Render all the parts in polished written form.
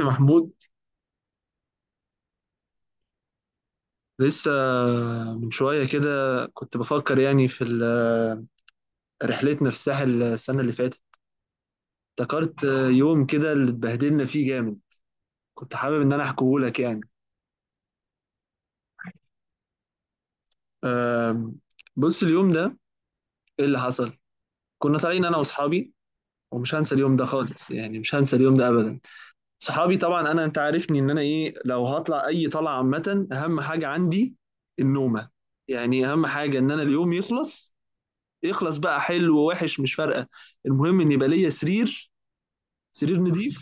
يا محمود، لسه من شوية كده كنت بفكر يعني في رحلتنا في الساحل السنة اللي فاتت. افتكرت يوم كده اللي اتبهدلنا فيه جامد. كنت حابب إن أنا أحكيهولك يعني. أم، بص اليوم ده إيه اللي حصل. كنا طالعين أنا وأصحابي، ومش هنسى اليوم ده خالص، يعني مش هنسى اليوم ده أبدا. صحابي طبعا، أنا أنت عارفني إن أنا إيه، لو هطلع أي طلعة عامة أهم حاجة عندي النومة. يعني أهم حاجة إن أنا اليوم يخلص، يخلص بقى حلو ووحش مش فارقه، المهم ان يبقى ليا سرير، سرير نضيف.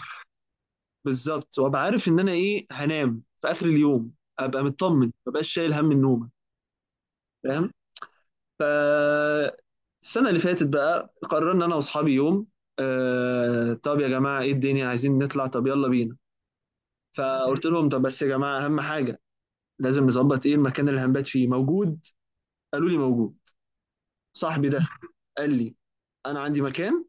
بالظبط، وابقى عارف ان انا ايه هنام في اخر اليوم، ابقى مطمن ما بقاش شايل هم النوم. فاهم؟ ف السنه اللي فاتت بقى قررنا انا واصحابي يوم، آه طب يا جماعه ايه الدنيا عايزين نطلع، طب يلا بينا. فقلت لهم طب بس يا جماعه اهم حاجه لازم نظبط ايه، المكان اللي هنبات فيه موجود. قالوا لي موجود. صاحبي ده قال لي انا عندي مكان،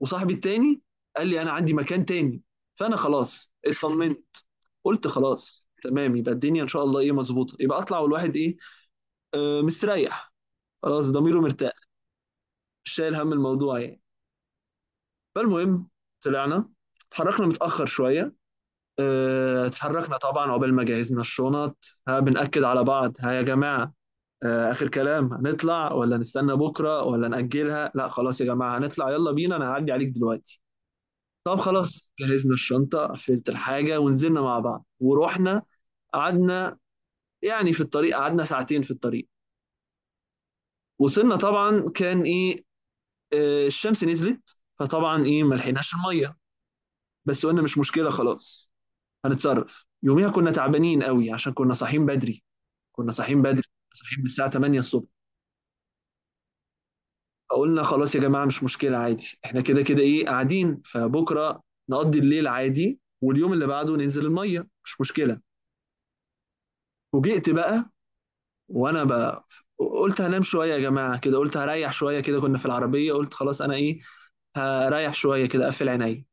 وصاحبي التاني قال لي انا عندي مكان تاني. فانا خلاص اطمنت، قلت خلاص تمام، يبقى الدنيا ان شاء الله ايه مظبوطه، يبقى اطلع والواحد ايه آه مستريح، خلاص ضميره مرتاح، مش شايل هم الموضوع يعني. فالمهم طلعنا، اتحركنا متاخر شويه. اتحركنا طبعا عقبال ما جهزنا الشنط، ها بنأكد على بعض ها يا جماعه، اخر كلام هنطلع ولا نستنى بكره ولا نأجلها، لا خلاص يا جماعه هنطلع يلا بينا، انا هعدي عليك دلوقتي. طب خلاص جهزنا الشنطة، قفلت الحاجة ونزلنا مع بعض ورحنا. قعدنا يعني في الطريق، قعدنا ساعتين في الطريق. وصلنا طبعا كان ايه الشمس نزلت، فطبعا ايه ما لحقناش المية. بس قلنا مش مشكلة، خلاص هنتصرف. يوميها كنا تعبانين قوي عشان كنا صاحيين بدري، كنا صاحيين بدري، صاحيين من الساعة 8 الصبح. فقلنا خلاص يا جماعة مش مشكلة عادي، احنا كده كده ايه قاعدين، فبكرة نقضي الليل عادي واليوم اللي بعده ننزل المية، مش مشكلة. فوجئت بقى، وانا بقى قلت هنام شويه يا جماعه كده، قلت هريح شويه كده، كنا في العربيه، قلت خلاص انا ايه هريح شويه كده اقفل عيني.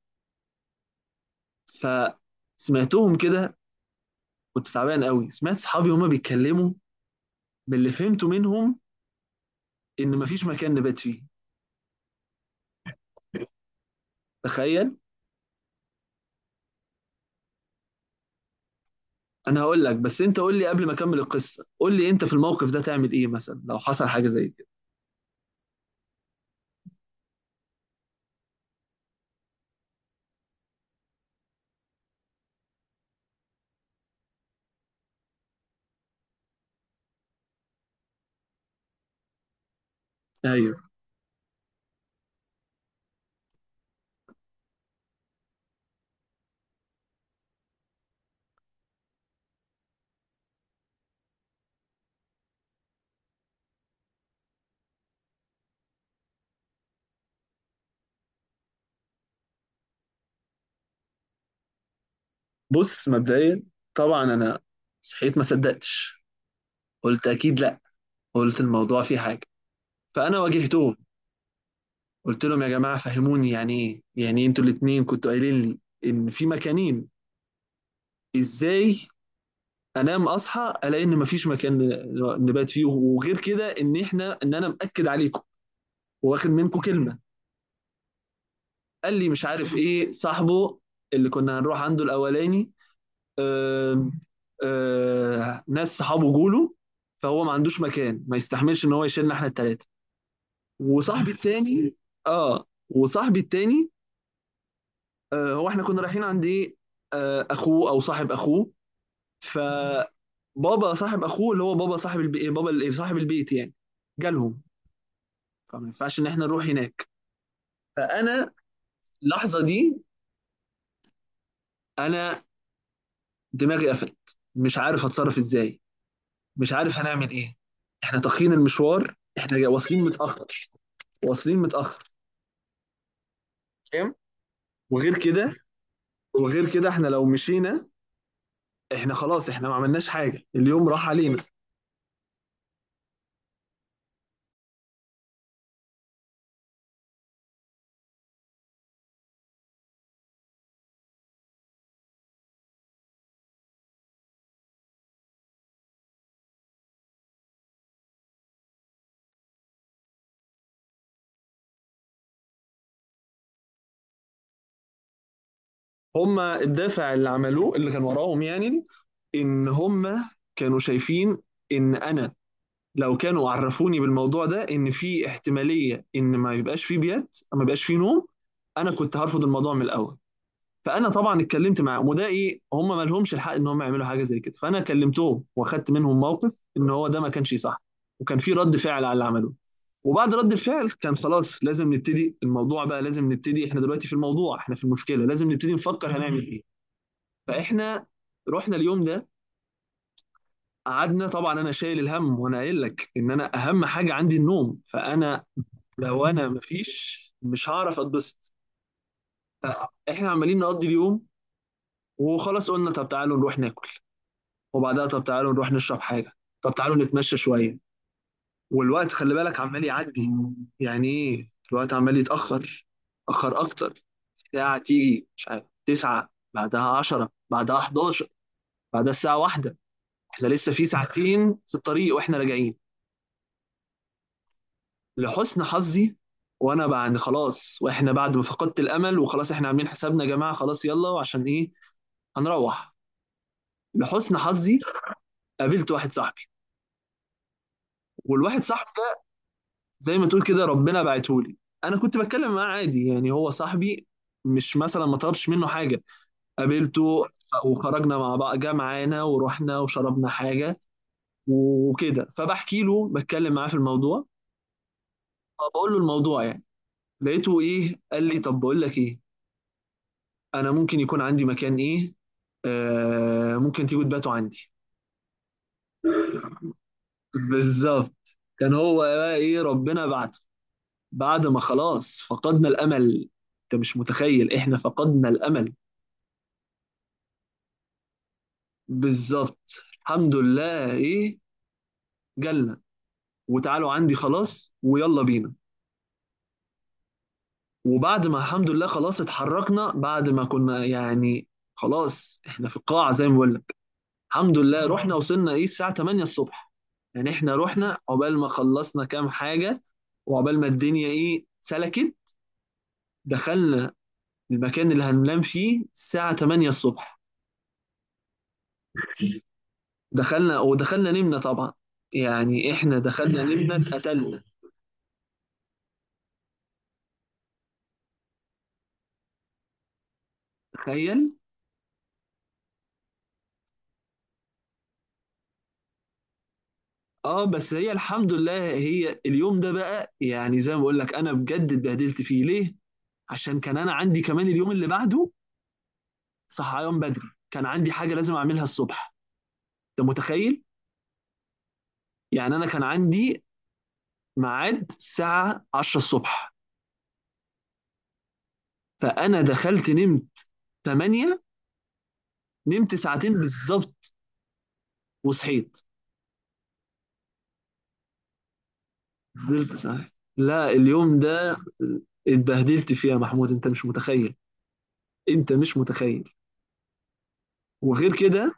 فسمعتهم كده، كنت تعبان قوي، سمعت صحابي هما بيتكلموا، باللي فهمته منهم ان مفيش مكان نبات فيه. تخيل. انا هقول لك، بس انت قول لي قبل ما اكمل القصه، قول لي انت في الموقف ده تعمل ايه مثلا لو حصل حاجه زي كده. ايوه، بص مبدئيا طبعا انا صحيت ما صدقتش، قلت اكيد لا، قلت الموضوع فيه حاجه. فانا واجهتهم، قلت لهم يا جماعه فهموني يعني ايه، يعني إيه انتوا الاثنين كنتوا قايلين لي ان في مكانين؟ ازاي انام اصحى الاقي ان مفيش مكان نبات فيه، وغير كده ان احنا ان انا مأكد عليكم واخد منكم كلمه. قال لي مش عارف ايه، صاحبه اللي كنا هنروح عنده الاولاني، آم، ناس صحابه جوله، فهو ما عندوش مكان، ما يستحملش ان هو يشيلنا احنا الثلاثه. وصاحبي التاني، اه وصاحبي التاني، هو احنا كنا رايحين عند ايه، اخوه او صاحب اخوه، فبابا صاحب اخوه اللي هو بابا صاحب البي... إيه، بابا ال- إيه، صاحب البيت يعني، جالهم. فما ينفعش ان احنا نروح هناك. فانا اللحظه دي انا دماغي قفلت، مش عارف اتصرف ازاي، مش عارف هنعمل ايه. احنا تاخرين المشوار، احنا واصلين متاخر، واصلين متاخر. فاهم؟ وغير كده، وغير كده احنا لو مشينا احنا خلاص، احنا ما عملناش حاجه، اليوم راح علينا. هما الدافع اللي عملوه اللي كان وراهم يعني ان هما كانوا شايفين ان انا لو كانوا عرفوني بالموضوع ده، ان في احتماليه ان ما يبقاش فيه بيات، ما يبقاش فيه نوم، انا كنت هرفض الموضوع من الاول. فانا طبعا اتكلمت معاهم، وده ايه، هم ما لهمش الحق ان هم يعملوا حاجه زي كده، فانا كلمتهم واخدت منهم موقف ان هو ده ما كانش صح. وكان في رد فعل على اللي عملوه، وبعد رد الفعل كان خلاص لازم نبتدي الموضوع بقى، لازم نبتدي احنا دلوقتي في الموضوع، احنا في المشكله، لازم نبتدي نفكر هنعمل ايه. فاحنا رحنا اليوم ده، قعدنا طبعا انا شايل الهم، وانا قايل لك ان انا اهم حاجه عندي النوم، فانا لو انا مفيش مش هعرف اتبسط. احنا عمالين نقضي اليوم، وخلاص قلنا طب تعالوا نروح ناكل، وبعدها طب تعالوا نروح نشرب حاجه، طب تعالوا نتمشى شويه، والوقت خلي بالك عمال يعدي يعني ايه، الوقت عمال يتاخر، اخر اكتر، ساعه تيجي مش عارف 9 بعدها 10 بعدها 11 بعدها الساعه 1، احنا لسه في ساعتين في الطريق واحنا راجعين. لحسن حظي، وانا بعد خلاص، واحنا بعد ما فقدت الامل، وخلاص احنا عاملين حسابنا يا جماعه خلاص يلا عشان ايه هنروح، لحسن حظي قابلت واحد صاحبي، والواحد صاحبي ده زي ما تقول كده ربنا بعته لي. انا كنت بتكلم معاه عادي يعني هو صاحبي، مش مثلا ما طلبش منه حاجه. قابلته وخرجنا مع بعض، جه معانا ورحنا وشربنا حاجه وكده، فبحكي له بتكلم معاه في الموضوع، فبقول له الموضوع يعني، لقيته ايه قال لي طب بقول لك ايه، انا ممكن يكون عندي مكان ايه، آه ممكن تيجوا تباتوا عندي. بالظبط، كان هو بقى ايه ربنا بعته، بعد ما خلاص فقدنا الامل. انت مش متخيل احنا فقدنا الامل. بالظبط، الحمد لله ايه، جالنا وتعالوا عندي خلاص ويلا بينا. وبعد ما الحمد لله خلاص اتحركنا بعد ما كنا يعني خلاص احنا في القاعة زي ما بقول، الحمد لله رحنا وصلنا ايه الساعة 8 الصبح. يعني احنا رحنا عقبال ما خلصنا كام حاجة، وعقبال ما الدنيا ايه سلكت، دخلنا المكان اللي هننام فيه الساعة 8 الصبح. دخلنا، ودخلنا نمنا طبعا، يعني احنا دخلنا نمنا اتقتلنا. تخيل. اه بس هي الحمد لله، هي اليوم ده بقى يعني زي ما بقول لك انا بجد اتبهدلت فيه ليه؟ عشان كان انا عندي كمان اليوم اللي بعده، صحيان بدري، كان عندي حاجة لازم اعملها الصبح. انت متخيل؟ يعني انا كان عندي ميعاد الساعه 10 الصبح، فانا دخلت نمت 8، نمت ساعتين بالظبط، وصحيت. فضلت صاحي، لا اليوم ده اتبهدلت فيه يا محمود، انت مش متخيل، انت مش متخيل. وغير كده،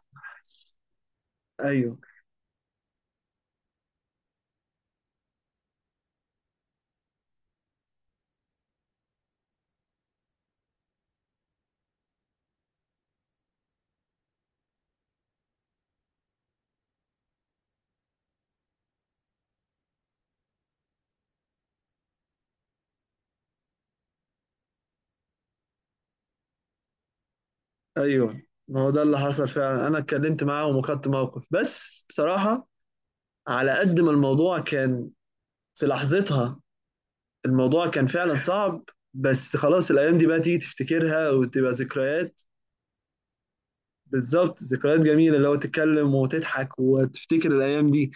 ايوه ايوه ما هو ده اللي حصل فعلا، انا اتكلمت معاهم وخدت موقف، بس بصراحه على قد ما الموضوع كان في لحظتها الموضوع كان فعلا صعب، بس خلاص الايام دي بقى تيجي تفتكرها وتبقى ذكريات. بالظبط، ذكريات جميلة اللي هو تتكلم وتضحك وتفتكر الأيام دي،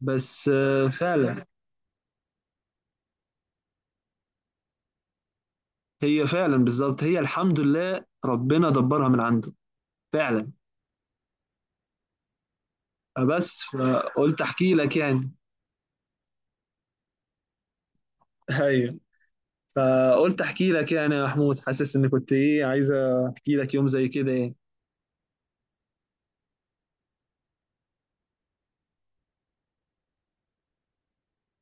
بس فعلا. هي فعلا بالظبط، هي الحمد لله ربنا دبرها من عنده، فعلا. فبس فقلت أحكي لك يعني، أيوه فقلت أحكي لك يعني يا محمود، حاسس إن كنت إيه عايز أحكي لك يوم زي كده يعني